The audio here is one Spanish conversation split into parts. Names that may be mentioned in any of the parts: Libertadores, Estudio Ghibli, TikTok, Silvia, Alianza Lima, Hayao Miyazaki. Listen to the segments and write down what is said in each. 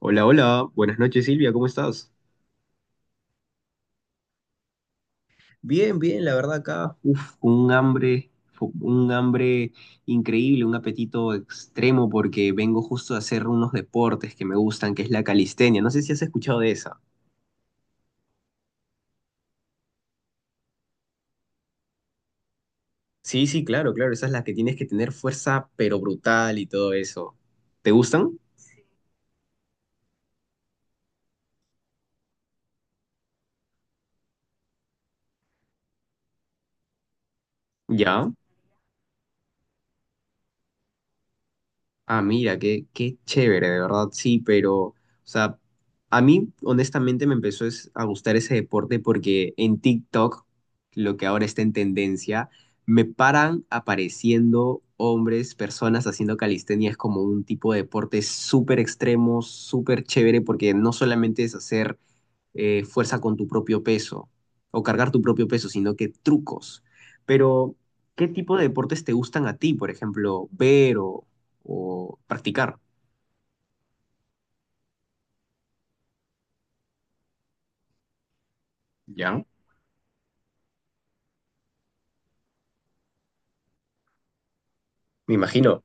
Hola, hola, buenas noches Silvia, ¿cómo estás? Bien, bien, la verdad acá, uf, un hambre, un hambre increíble, un apetito extremo porque vengo justo a hacer unos deportes que me gustan, que es la calistenia, no sé si has escuchado de esa. Sí, sí, claro, claro, esa es la que tienes que tener fuerza pero brutal y todo eso. ¿Te gustan? Ya. Ah, mira, qué, qué chévere, de verdad, sí, pero, o sea, a mí honestamente me empezó a gustar ese deporte porque en TikTok, lo que ahora está en tendencia, me paran apareciendo hombres, personas haciendo calistenia, es como un tipo de deporte súper extremo, súper chévere, porque no solamente es hacer fuerza con tu propio peso o cargar tu propio peso, sino que trucos. Pero, ¿qué tipo de deportes te gustan a ti, por ejemplo, ver o practicar? Ya, me imagino.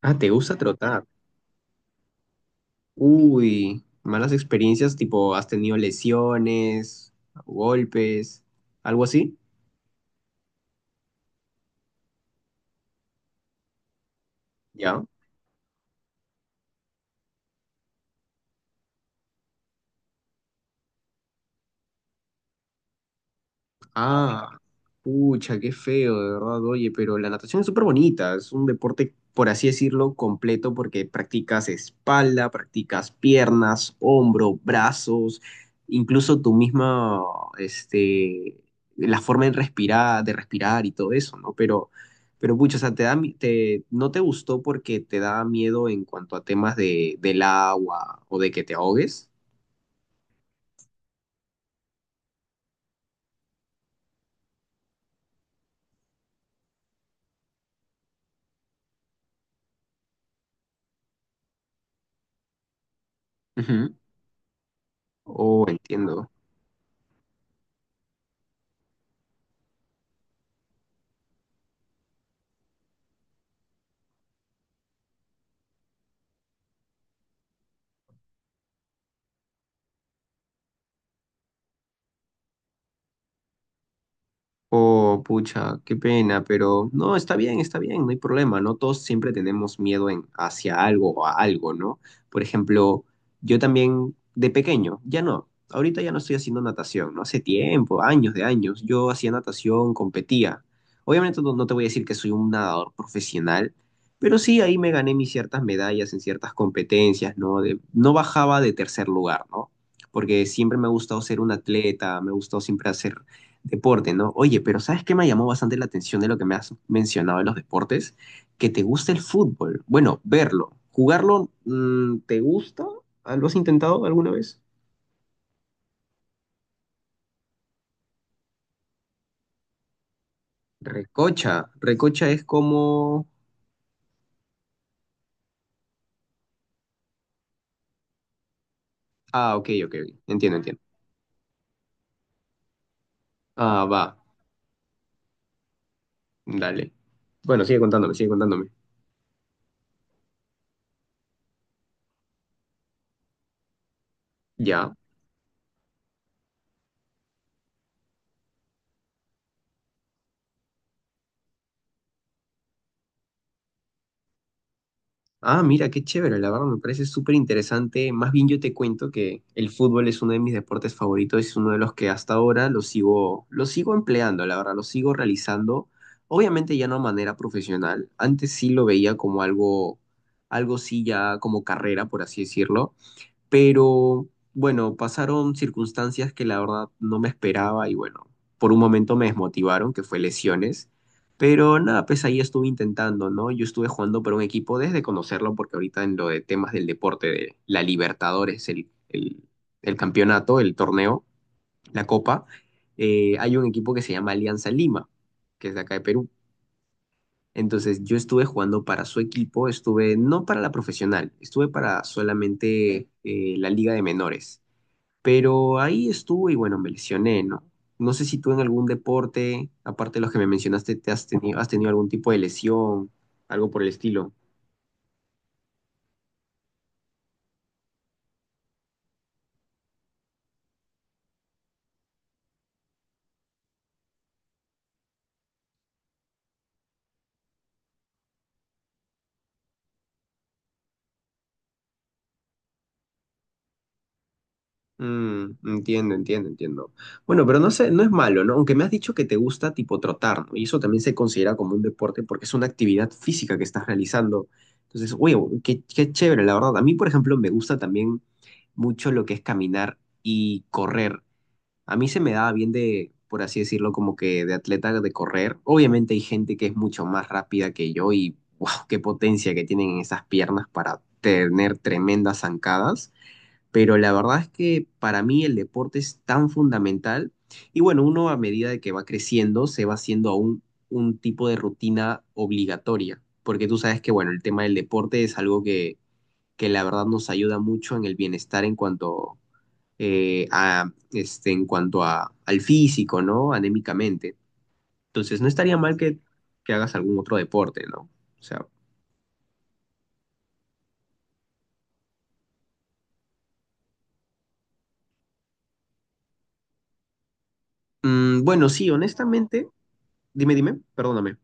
Ah, ¿te gusta trotar? Uy, malas experiencias, tipo, ¿has tenido lesiones, golpes, algo así? Ya. Ah, pucha, qué feo, de verdad, oye, pero la natación es súper bonita, es un deporte, por así decirlo, completo porque practicas espalda, practicas piernas, hombro, brazos, incluso tu misma, este, la forma de respirar y todo eso, ¿no? Pero pucha, o sea, te da, te, no te gustó porque te da miedo en cuanto a temas de, del agua o de que te ahogues. Ujú. Oh, entiendo. Oh, pucha, qué pena, pero no, está bien, no hay problema, ¿no? Todos siempre tenemos miedo en, hacia algo o a algo, ¿no? Por ejemplo, yo también de pequeño, ya no, ahorita ya no estoy haciendo natación, ¿no? Hace tiempo, años de años, yo hacía natación, competía. Obviamente no, no te voy a decir que soy un nadador profesional, pero sí ahí me gané mis ciertas medallas en ciertas competencias, ¿no? De, no bajaba de tercer lugar, ¿no? Porque siempre me ha gustado ser un atleta, me ha gustado siempre hacer deporte, ¿no? Oye, pero ¿sabes qué me llamó bastante la atención de lo que me has mencionado de los deportes? Que te gusta el fútbol. Bueno, verlo. ¿Jugarlo te gusta? Ah, ¿lo has intentado alguna vez? Recocha. Recocha es como... Ah, ok, ok, ok. Entiendo, entiendo. Ah, va. Dale. Bueno, sigue contándome, sigue contándome. Ya. Ah, mira, qué chévere, la verdad me parece súper interesante. Más bien yo te cuento que el fútbol es uno de mis deportes favoritos, es uno de los que hasta ahora lo sigo empleando, la verdad, lo sigo realizando. Obviamente ya no de manera profesional, antes sí lo veía como algo, algo sí ya como carrera, por así decirlo, pero bueno, pasaron circunstancias que la verdad no me esperaba y bueno, por un momento me desmotivaron, que fue lesiones. Pero nada, pues ahí estuve intentando, ¿no? Yo estuve jugando por un equipo desde conocerlo, porque ahorita en lo de temas del deporte, de la Libertadores, el campeonato, el torneo, la copa, hay un equipo que se llama Alianza Lima, que es de acá de Perú. Entonces yo estuve jugando para su equipo, estuve no para la profesional, estuve para solamente la liga de menores. Pero ahí estuve y bueno, me lesioné, ¿no? No sé si tú en algún deporte, aparte de los que me mencionaste, te has tenido algún tipo de lesión, algo por el estilo. Entiendo, entiendo, entiendo. Bueno, pero no sé, no es malo, ¿no? Aunque me has dicho que te gusta tipo trotar, ¿no? Y eso también se considera como un deporte porque es una actividad física que estás realizando. Entonces, oye, qué, qué chévere, la verdad. A mí, por ejemplo, me gusta también mucho lo que es caminar y correr. A mí se me daba bien de, por así decirlo, como que de atleta de correr. Obviamente hay gente que es mucho más rápida que yo y wow, qué potencia que tienen en esas piernas para tener tremendas zancadas. Pero la verdad es que para mí el deporte es tan fundamental. Y bueno, uno a medida de que va creciendo se va haciendo aún un tipo de rutina obligatoria. Porque tú sabes que, bueno, el tema del deporte es algo que la verdad nos ayuda mucho en el bienestar en cuanto a, este, en cuanto a, al físico, ¿no? Anémicamente. Entonces, no estaría mal que hagas algún otro deporte, ¿no? O sea, bueno, sí, honestamente, dime, dime, perdóname.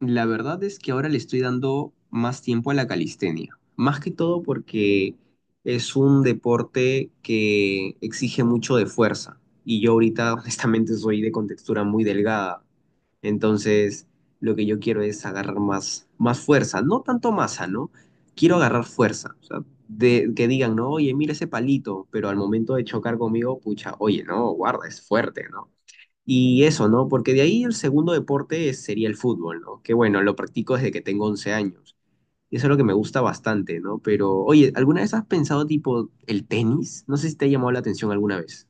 La verdad es que ahora le estoy dando más tiempo a la calistenia, más que todo porque es un deporte que exige mucho de fuerza y yo ahorita honestamente soy de contextura muy delgada, entonces lo que yo quiero es agarrar más, más fuerza, no tanto masa, ¿no? Quiero agarrar fuerza, o sea, de, que digan, no, oye, mira ese palito, pero al momento de chocar conmigo, pucha, oye, no, guarda, es fuerte, no. Y eso, ¿no? Porque de ahí el segundo deporte sería el fútbol, ¿no? Que bueno, lo practico desde que tengo 11 años. Y eso es lo que me gusta bastante, ¿no? Pero, oye, ¿alguna vez has pensado tipo el tenis? No sé si te ha llamado la atención alguna vez.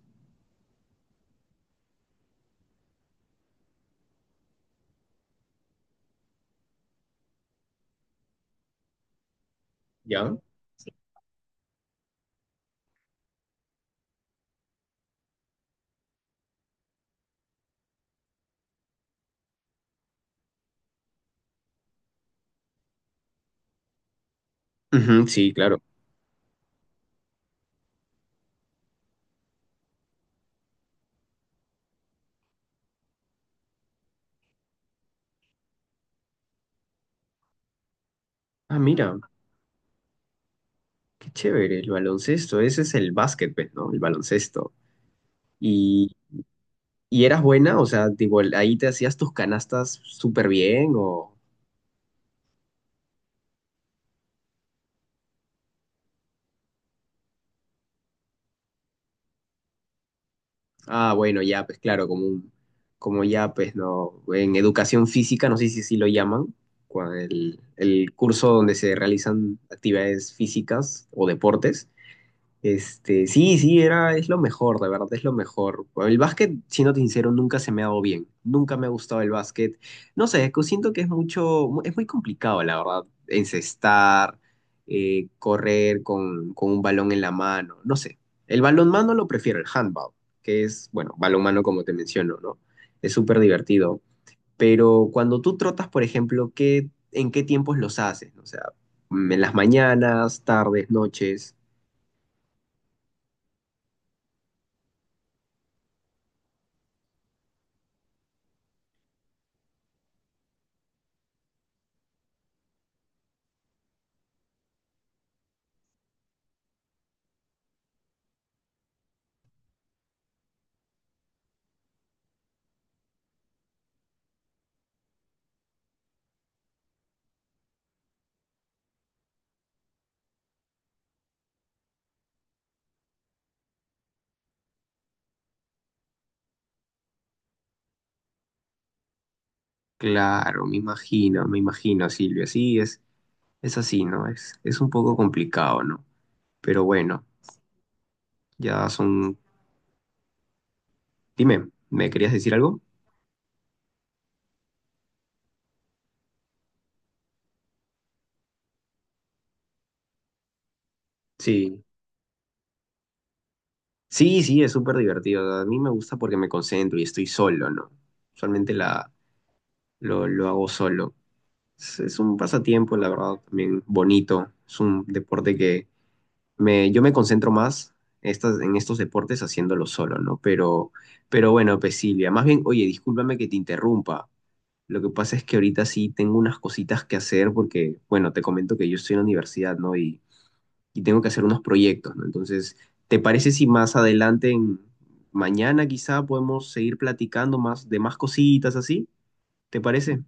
¿Ya? Ujú, sí, claro. Ah, mira, qué chévere, el baloncesto, ese es el básquet, pues, ¿no? El baloncesto. ¿Y, y eras buena? O sea, tipo, ahí te hacías tus canastas súper bien o... Ah, bueno, ya, pues claro, como un, como ya, pues no, en educación física, no sé si así lo llaman, el curso donde se realizan actividades físicas o deportes, este, sí, sí, era, es lo mejor, de verdad, es lo mejor. El básquet, siendo sincero, nunca se me ha dado bien. Nunca me ha gustado el básquet. No sé, es que siento que es mucho, es muy complicado, la verdad, encestar, correr con un balón en la mano. No sé. El balonmano lo prefiero, el handball, que es, bueno, balonmano como te menciono, ¿no? Es súper divertido. Pero cuando tú trotas, por ejemplo, ¿qué, en qué tiempos los haces? O sea, en las mañanas, tardes, noches. Claro, me imagino, Silvia. Sí, es así, ¿no? Es un poco complicado, ¿no? Pero bueno, ya son... Dime, ¿me querías decir algo? Sí. Sí, sí, es súper divertido. A mí me gusta porque me concentro y estoy solo, ¿no? Usualmente la, lo hago solo. Es un pasatiempo, la verdad, también bonito. Es un deporte que me, yo me concentro más estas, en estos deportes haciéndolo solo, ¿no? Pero bueno, pues Silvia, más bien, oye, discúlpame que te interrumpa. Lo que pasa es que ahorita sí tengo unas cositas que hacer porque, bueno, te comento que yo estoy en la universidad, ¿no? Y tengo que hacer unos proyectos, ¿no? Entonces, ¿te parece si más adelante, mañana quizá, podemos seguir platicando más de más cositas así? ¿Te parece?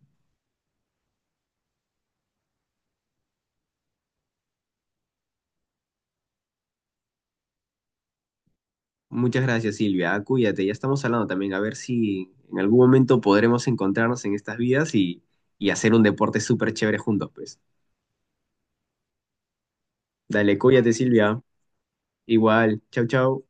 Muchas gracias, Silvia. Ah, cuídate, ya estamos hablando también. A ver si en algún momento podremos encontrarnos en estas vidas y hacer un deporte súper chévere juntos, pues. Dale, cuídate, Silvia. Igual. Chau, chau.